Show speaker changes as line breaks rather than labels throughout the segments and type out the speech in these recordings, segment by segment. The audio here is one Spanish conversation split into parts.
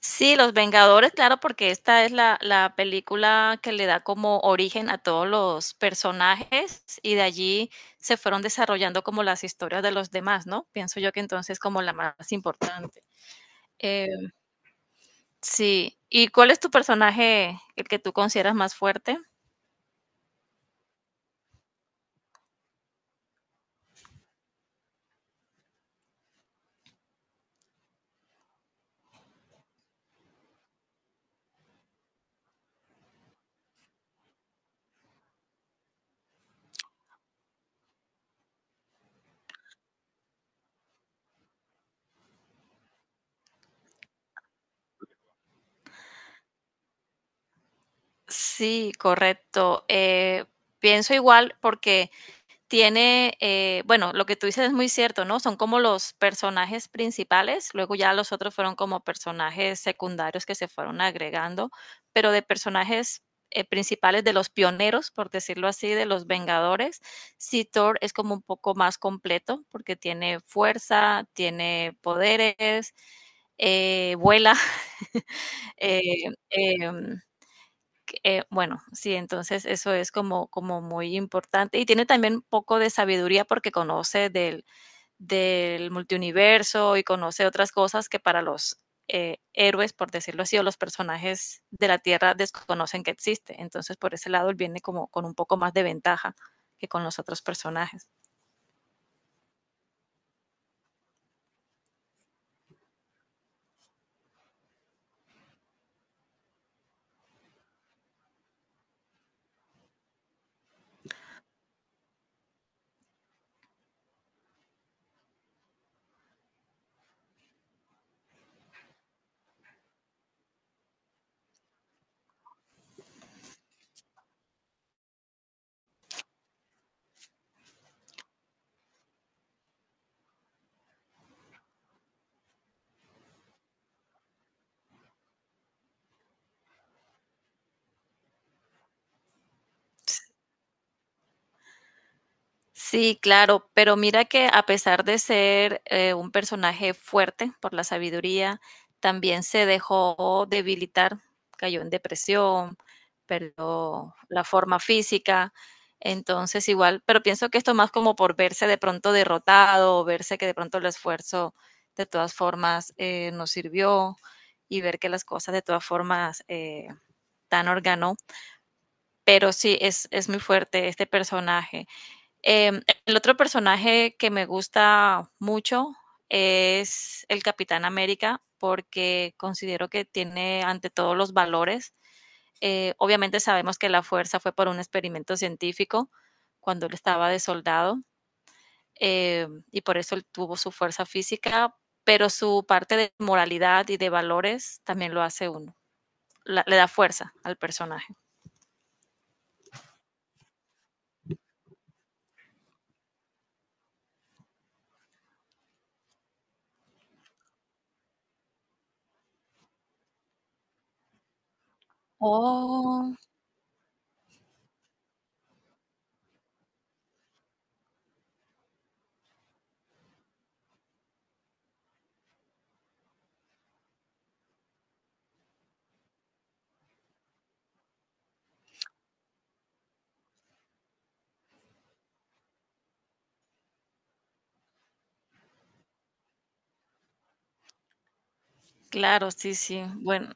Sí, Los Vengadores, claro, porque esta es la película que le da como origen a todos los personajes y de allí se fueron desarrollando como las historias de los demás, ¿no? Pienso yo que entonces como la más importante. Eh, sí, ¿y cuál es tu personaje, el que tú consideras más fuerte? Sí, correcto. Pienso igual porque tiene, bueno, lo que tú dices es muy cierto, ¿no? Son como los personajes principales, luego ya los otros fueron como personajes secundarios que se fueron agregando, pero de personajes principales de los pioneros, por decirlo así, de los Vengadores. Sí, Thor es como un poco más completo porque tiene fuerza, tiene poderes, vuela, eh, em, bueno, sí, entonces eso es como, como muy importante. Y tiene también un poco de sabiduría porque conoce del multiuniverso y conoce otras cosas que para los héroes, por decirlo así, o los personajes de la Tierra desconocen que existe. Entonces, por ese lado, él viene como con un poco más de ventaja que con los otros personajes. Sí, claro, pero mira que a pesar de ser un personaje fuerte por la sabiduría, también se dejó debilitar, cayó en depresión, perdió la forma física, entonces igual, pero pienso que esto más como por verse de pronto derrotado, o verse que de pronto el esfuerzo de todas formas no sirvió y ver que las cosas de todas formas tan organó, pero sí es muy fuerte este personaje. El otro personaje que me gusta mucho es el Capitán América, porque considero que tiene ante todo los valores. Obviamente sabemos que la fuerza fue por un experimento científico cuando él estaba de soldado, y por eso él tuvo su fuerza física, pero su parte de moralidad y de valores también lo hace uno, le da fuerza al personaje. Oh, claro, sí, sí.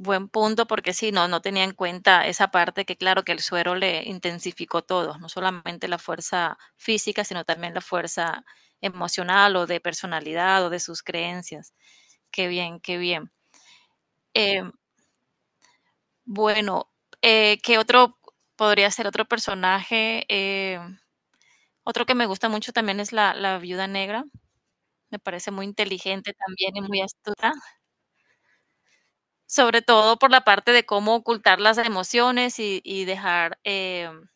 Buen punto, porque sí, no, no tenía en cuenta esa parte que, claro, que el suero le intensificó todo, no solamente la fuerza física, sino también la fuerza emocional o de personalidad o de sus creencias. Qué bien, qué bien. Em, bueno, ¿Qué otro podría ser otro personaje? Otro que me gusta mucho también es la Viuda Negra. Me parece muy inteligente también y muy astuta. Sobre todo por la parte de cómo ocultar las emociones y dejar, em,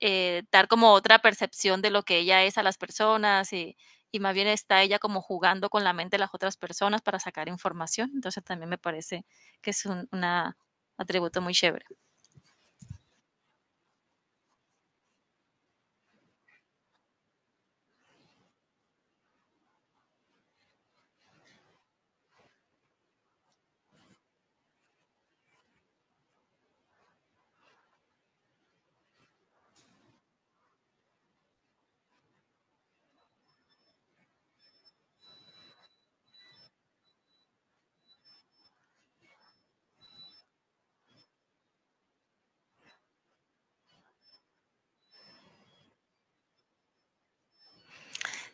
eh, dar como otra percepción de lo que ella es a las personas, y más bien está ella como jugando con la mente de las otras personas para sacar información. Entonces, también me parece que es un una atributo muy chévere.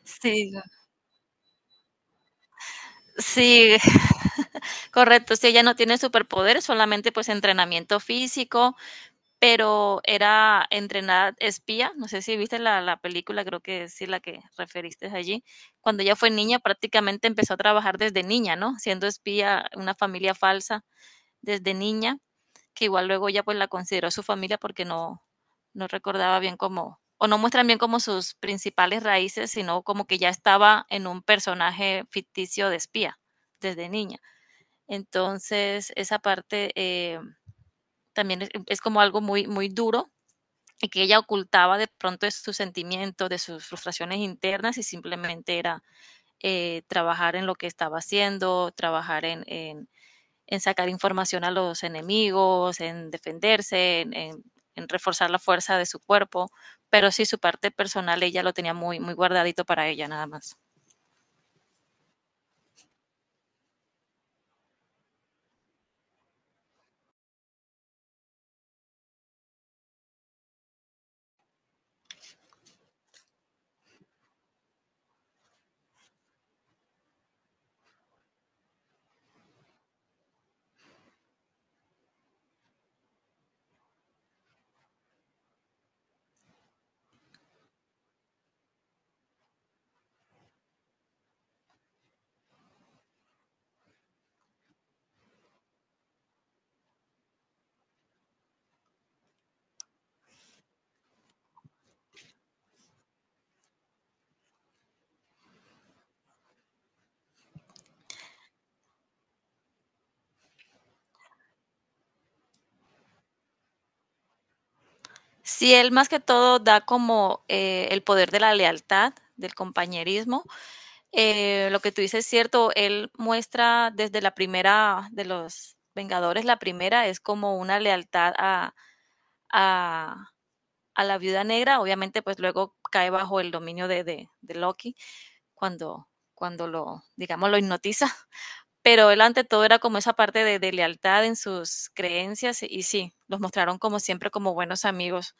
Sí, sí, correcto. Si ella no tiene superpoderes, solamente, pues, entrenamiento físico, pero era entrenada espía, no sé si viste la película, creo que sí la que referiste allí, cuando ella fue niña prácticamente empezó a trabajar desde niña, ¿no? Siendo espía, una familia falsa desde niña, que igual luego ella pues la consideró su familia porque no, no recordaba bien cómo, o no muestran bien como sus principales raíces, sino como que ya estaba en un personaje ficticio de espía desde niña. Entonces, esa parte también es como algo muy, muy duro y que ella ocultaba de pronto de sus sentimientos, de sus frustraciones internas y simplemente era trabajar en lo que estaba haciendo, trabajar en sacar información a los enemigos, en defenderse, en reforzar la fuerza de su cuerpo, pero sí su parte personal ella lo tenía muy, muy guardadito para ella nada más. Sí, él más que todo da como el poder de la lealtad, del compañerismo. Lo que tú dices es cierto, él muestra desde la primera de los Vengadores, la primera es como una lealtad a, a, a la viuda negra, obviamente pues luego cae bajo el dominio de Loki cuando, cuando lo, digamos, lo hipnotiza, pero él ante todo era como esa parte de lealtad en sus creencias y sí, los mostraron como siempre como buenos amigos,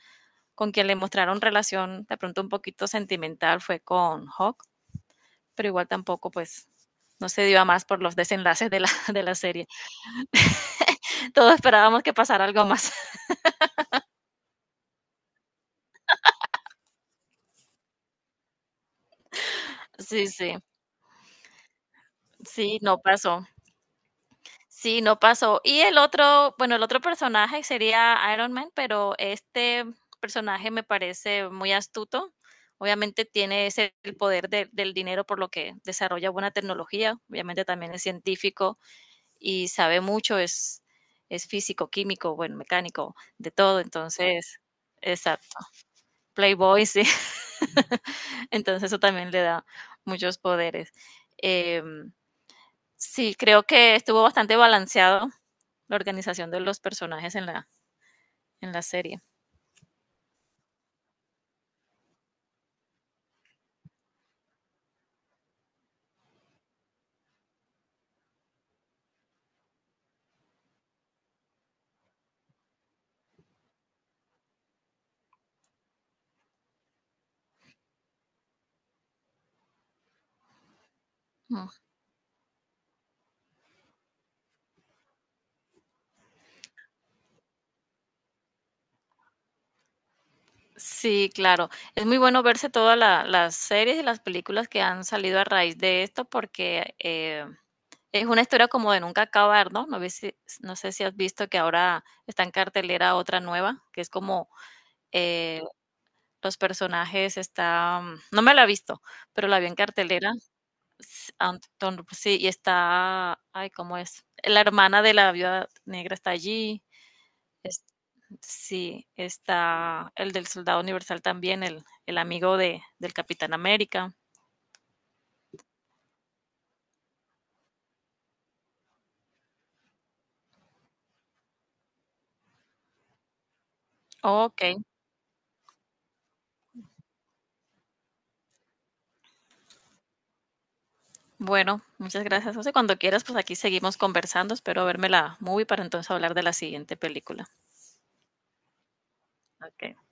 con quien le mostraron relación de pronto un poquito sentimental fue con Hawk, pero igual tampoco, pues, no se dio a más por los desenlaces de la de la serie. Todos esperábamos que pasara algo más. Sí, sí. Sí, no pasó. Sí, no pasó. Y el otro, bueno, el otro personaje sería Iron Man, pero este personaje me parece muy astuto. Obviamente tiene ese el poder de del dinero, por lo que desarrolla buena tecnología. Obviamente también es científico y sabe mucho, es físico, químico, bueno, mecánico, de todo. Entonces, exacto, playboy, sí. Entonces eso también le da muchos poderes. Eh, sí, creo que estuvo bastante balanceado la organización de los personajes en en la serie. Mm. Sí, claro. Es muy bueno verse todas las series y las películas que han salido a raíz de esto porque es una historia como de nunca acabar, ¿no? No, ves no sé si has visto que ahora está en cartelera otra nueva, que es como eh, los personajes están, no me la he visto, pero la vi en cartelera. s- sí, y está, ay, ¿cómo es? La hermana de la viuda negra está allí. es- sí, está el del Soldado Universal también, el amigo de, del Capitán América. Ok, bueno, muchas gracias, José. Cuando quieras, pues aquí seguimos conversando. Espero verme la movie para entonces hablar de la siguiente película. Ok.